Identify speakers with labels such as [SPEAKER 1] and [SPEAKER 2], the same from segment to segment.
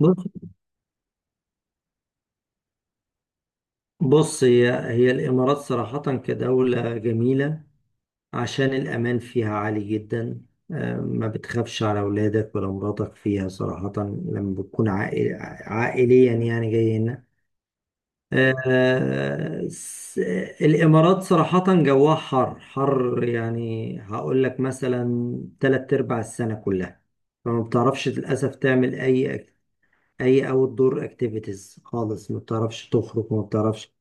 [SPEAKER 1] بص بص هي الإمارات صراحة كدولة جميلة، عشان الأمان فيها عالي جدا. ما بتخافش على أولادك ولا مراتك فيها صراحة لما بتكون عائليا يعني جاي هنا. آه، س- الإمارات صراحة جواها حر حر، يعني هقول لك مثلا تلات أرباع السنة كلها فما بتعرفش للأسف تعمل أي أوت دور أكتيفيتيز خالص، ما بتعرفش تخرج، ما بتعرفش.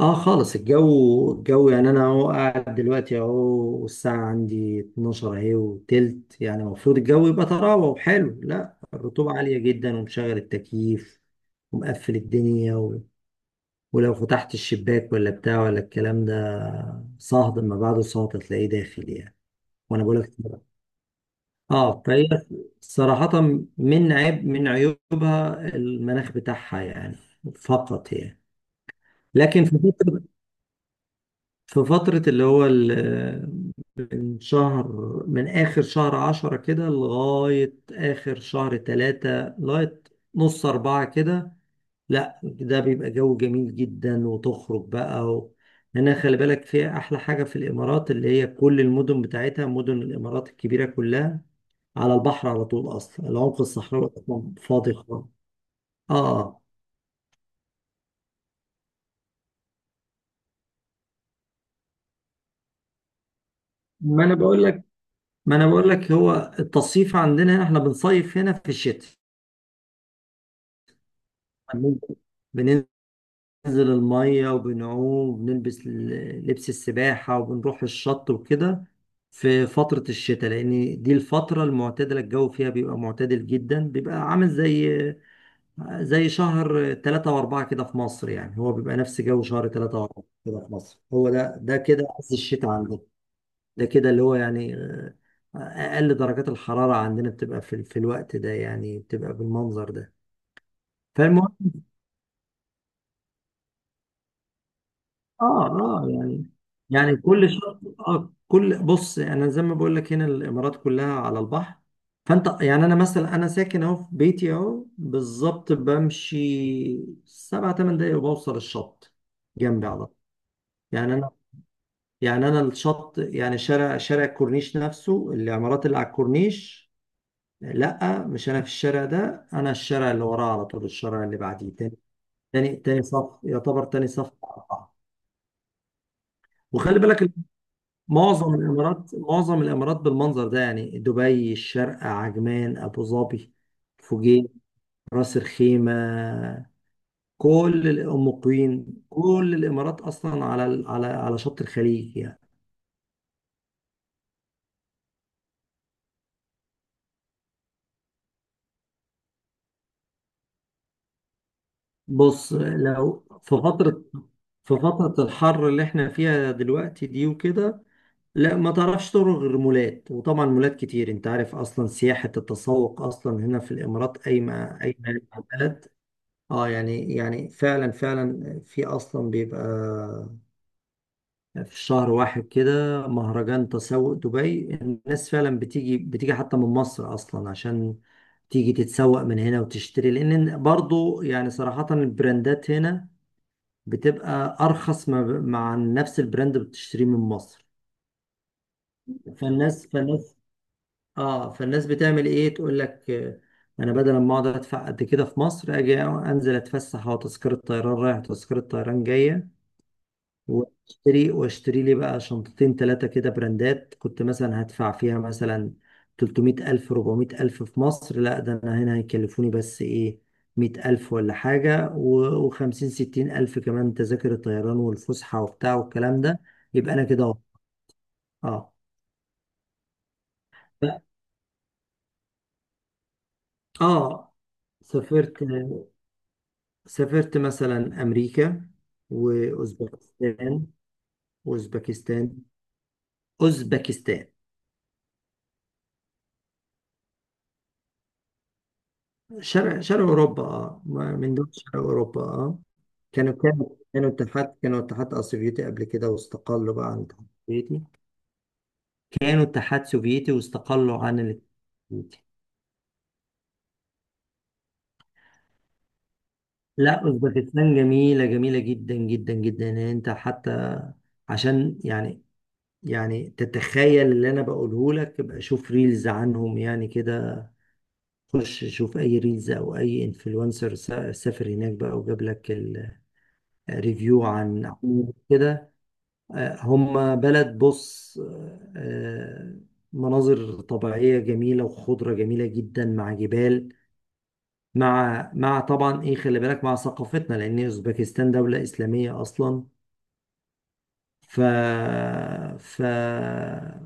[SPEAKER 1] اه خالص، الجو يعني انا اهو قاعد دلوقتي اهو، والساعة عندي 12 اهي وتلت، يعني المفروض الجو يبقى طراوة وحلو. لا، الرطوبة عالية جدا، ومشغل التكييف ومقفل الدنيا، و... ولو فتحت الشباك ولا بتاع ولا الكلام ده صهد اما بعده صهد هتلاقيه داخل يعني. وانا بقول لك، اه فهي صراحة من عيب من عيوبها المناخ بتاعها يعني، فقط يعني. لكن في فترة اللي هو من شهر، من آخر شهر عشرة كده لغاية آخر شهر تلاتة، لغاية نص أربعة كده، لا ده بيبقى جو جميل جدا وتخرج بقى. و... هنا خلي بالك فيها، أحلى حاجة في الإمارات اللي هي كل المدن بتاعتها، مدن الإمارات الكبيرة كلها على البحر على طول، أصلا العمق الصحراوي أصلا فاضي خالص. آه. ما أنا بقول لك ما أنا بقول لك هو التصيف عندنا هنا، إحنا بنصيف هنا في الشتاء، بننزل المية وبنعوم وبنلبس لبس السباحة وبنروح الشط وكده في فترة الشتاء، لأن دي الفترة المعتدلة الجو فيها بيبقى معتدل جدا، بيبقى عامل زي زي شهر تلاتة وأربعة كده في مصر يعني، هو بيبقى نفس جو شهر تلاتة وأربعة كده في مصر. هو ده كده عز الشتاء عندنا، ده كده اللي هو يعني أقل درجات الحرارة عندنا بتبقى في، في الوقت ده يعني، بتبقى بالمنظر ده. فالمهم، اه اه يعني يعني كل شط، اه كل بص انا زي ما بقول لك هنا الامارات كلها على البحر، فانت يعني انا مثلا، انا ساكن اهو في بيتي اهو بالظبط، بمشي سبع ثمان دقايق وبوصل الشط جنبي على طول. يعني انا، يعني انا الشط يعني شارع الكورنيش نفسه، العمارات اللي على الكورنيش. لا مش انا في الشارع ده، انا الشارع اللي وراه على طول، الشارع اللي بعديه، تاني تاني صف، يعتبر تاني صف على البحر. وخلي بالك، معظم الامارات بالمنظر ده، يعني دبي، الشارقة، عجمان، ابو ظبي، فوجين، راس الخيمة، كل ام قوين، كل الامارات اصلا على على على شط الخليج يعني. بص، لو في فترة الحر اللي احنا فيها دلوقتي دي وكده، لا ما تعرفش تروح غير مولات، وطبعا مولات كتير انت عارف، اصلا سياحة التسوق اصلا هنا في الامارات قايمة على البلد. اه يعني فعلا فعلا في اصلا بيبقى في شهر واحد كده مهرجان تسوق دبي، الناس فعلا بتيجي حتى من مصر اصلا عشان تيجي تتسوق من هنا وتشتري، لان برضو يعني صراحة البراندات هنا بتبقى ارخص ما ب- مع نفس البراند بتشتريه من مصر. فالناس فالناس اه فالناس بتعمل ايه، تقول لك انا بدل ما اقعد ادفع قد كده في مصر، اجي انزل اتفسح، او تذكرة طيران رايح تذكرة طيران جاية، واشتري لي بقى شنطتين ثلاثة كده براندات، كنت مثلا هدفع فيها مثلا 300 ألف 400 ألف في مصر، لا ده أنا هنا هيكلفوني بس إيه، 100 ألف ولا حاجة، و- وخمسين ستين ألف كمان تذاكر الطيران والفسحة وبتاع والكلام ده، يبقى أنا كده أهو. اه ف- اه سافرت سافرت مثلا أمريكا وأوزبكستان. أوزبكستان أوزبكستان شرق شرق أوروبا اه، من دول شرق أوروبا اه. كانوا كانوا كانوا اتحاد سوفيتي قبل كده، واستقلوا بقى عن الاتحاد السوفيتي. كانوا اتحاد سوفيتي واستقلوا عن الاتحاد السوفيتي لا أوزبكستان جميلة، جميلة جدا جدا جدا، يعني أنت حتى عشان يعني، يعني تتخيل اللي أنا بقوله لك، ابقى شوف ريلز عنهم يعني كده، خش شوف أي ريلز أو أي انفلونسر سافر هناك بقى وجاب لك الريفيو عن كده. هم بلد، بص مناظر طبيعية جميلة، وخضرة جميلة جدا مع جبال، مع طبعا ايه خلي بالك مع ثقافتنا، لأن أوزبكستان دولة إسلامية أصلا. ف ف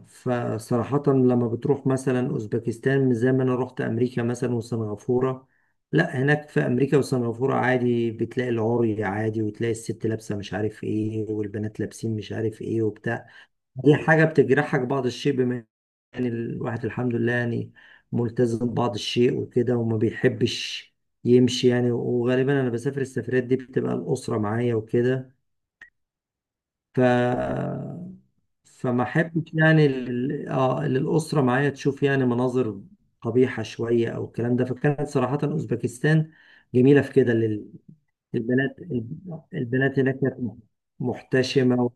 [SPEAKER 1] فصراحة لما بتروح مثلا أوزبكستان، مش زي ما أنا رحت أمريكا مثلا وسنغافورة، لا هناك في أمريكا وسنغافورة عادي بتلاقي العري، عادي وتلاقي الست لابسة مش عارف ايه، والبنات لابسين مش عارف ايه وبتاع. دي حاجة بتجرحك بعض الشيء، بما يعني الواحد الحمد لله يعني ملتزم بعض الشيء وكده، وما بيحبش يمشي يعني. وغالبا انا بسافر السفرات دي بتبقى الأسرة معايا وكده، ف فما احبش يعني اللي الأسرة معايا تشوف يعني مناظر قبيحة شوية او الكلام ده. فكانت صراحة أوزبكستان جميلة في كده البنات، البنات هناك كانت محتشمة،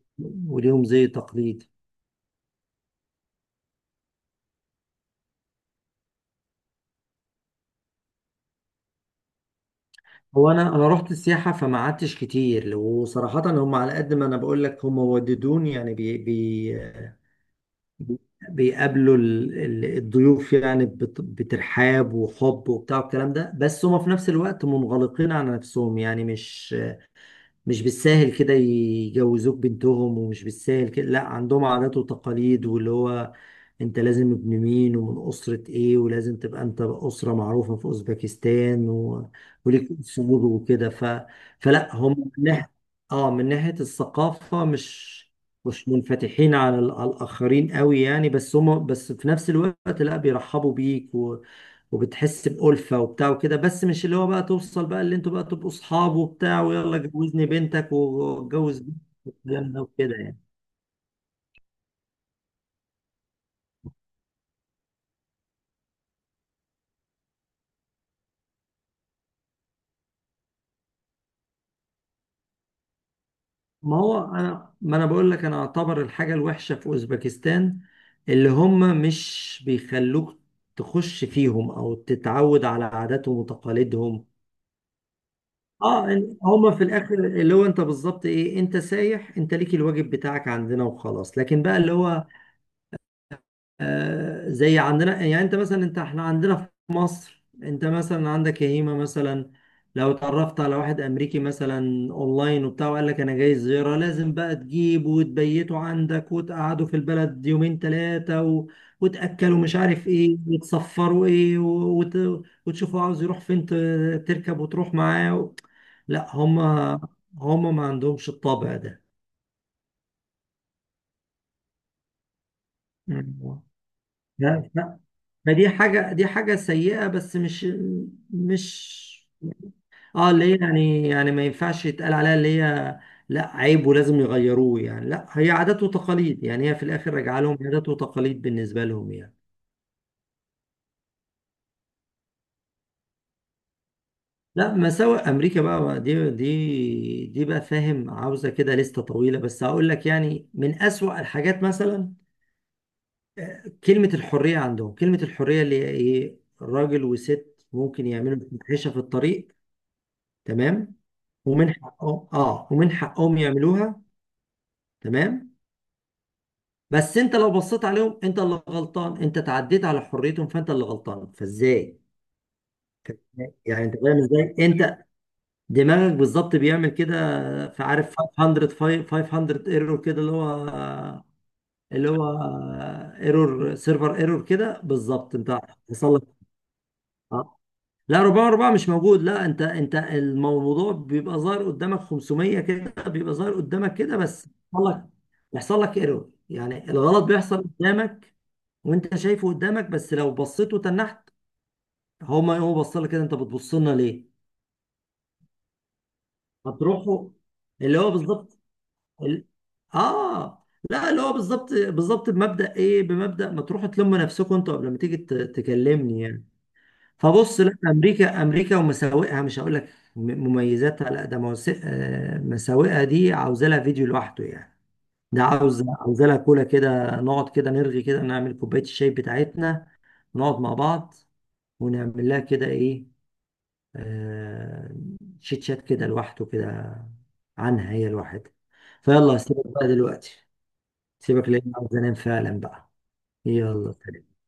[SPEAKER 1] وليهم زي تقليد. هو انا، انا رحت السياحه فما قعدتش كتير، وصراحه هم على قد ما انا بقول لك، هم وددوني يعني بي بيقابلوا الضيوف يعني بترحاب وحب وبتاع الكلام ده، بس هم في نفس الوقت منغلقين على نفسهم يعني، مش بالساهل كده يجوزوك بنتهم، ومش بالساهل كده. لا عندهم عادات وتقاليد، واللي هو انت لازم ابن مين، ومن أسرة ايه، ولازم تبقى انت أسرة معروفة في أوزبكستان، و... وليك أصول وكده. ف... فلا هم من ناحية، اه من ناحية الثقافة مش مش منفتحين على على الآخرين قوي يعني، بس هم بس في نفس الوقت لا بيرحبوا بيك وبتحس بألفة وبتاع وكده، بس مش اللي هو بقى توصل بقى اللي انتوا بقى تبقوا اصحاب وبتاع ويلا جوزني بنتك واتجوز بنتك والكلام ده وكده يعني. ما هو انا، ما انا بقول لك انا اعتبر الحاجة الوحشة في اوزبكستان اللي هم مش بيخلوك تخش فيهم او تتعود على عاداتهم وتقاليدهم. اه هما في الاخر اللي هو انت بالظبط ايه، انت سايح، انت ليك الواجب بتاعك عندنا وخلاص، لكن بقى اللي هو زي عندنا يعني، انت مثلا، انت احنا عندنا في مصر، انت مثلا عندك يهيمة مثلا لو اتعرفت على واحد امريكي مثلا اونلاين وبتاع، وقال لك انا جاي زيارة، لازم بقى تجيبه وتبيته عندك وتقعده في البلد يومين ثلاثة، و... وتأكلوا مش عارف ايه وتصفروا ايه، و... وت... وتشوفوا عاوز يروح فين، تركب وتروح معاه. و... لا هما، هما ما عندهمش الطبع ده. مم. ف- ما دي حاجة، دي حاجة سيئة بس مش اه، اللي هي يعني، يعني ما ينفعش يتقال عليها اللي هي لا عيب ولازم يغيروه يعني، لا هي عادات وتقاليد يعني، هي في الآخر راجعة لهم عادات وتقاليد بالنسبة لهم يعني. لا مساوئ أمريكا بقى دي بقى فاهم، عاوزة كده لستة طويلة، بس هقول لك يعني من أسوأ الحاجات مثلا كلمة الحرية عندهم، كلمة الحرية اللي هي إيه، راجل وست ممكن يعملوا فاحشة في الطريق، تمام، ومن حقهم، اه ومن حقهم يعملوها، تمام. بس انت لو بصيت عليهم، انت اللي غلطان، انت تعديت على حريتهم، فانت اللي غلطان. فازاي يعني، انت فاهم ازاي، انت دماغك بالظبط بيعمل كده، فعارف 500، 500 ايرور كده، اللي هو اللي هو ايرور، سيرفر ايرور كده بالظبط انت حصل لك. آه. لا 400، 400 مش موجود، لا انت انت الموضوع بيبقى ظاهر قدامك 500 كده، بيبقى ظاهر قدامك كده بس بيحصل لك، ايرور، يعني الغلط بيحصل قدامك وانت شايفه قدامك، بس لو بصيت وتنحت، هو ما هو بص لك كده، انت بتبص لنا ليه؟ هتروحوا اللي هو بالظبط ال... اه لا اللي هو بالظبط، بمبدأ ايه؟ بمبدأ ما تروحوا تلموا نفسكم انتوا قبل ما تيجي تكلمني يعني. فبص لا، امريكا ومساوئها مش هقول لك مميزاتها، لا ده مساوئها دي عاوزه لها فيديو لوحده يعني، ده عاوز، عاوزه لها كولا كده، نقعد كده نرغي كده، نعمل كوبايه الشاي بتاعتنا ونقعد مع بعض ونعمل لها كده ايه، آه شيت شات كده لوحده كده عنها هي لوحدها. فيلا سيبك بقى دلوقتي، سيبك لان عاوز انام فعلا بقى، يلا.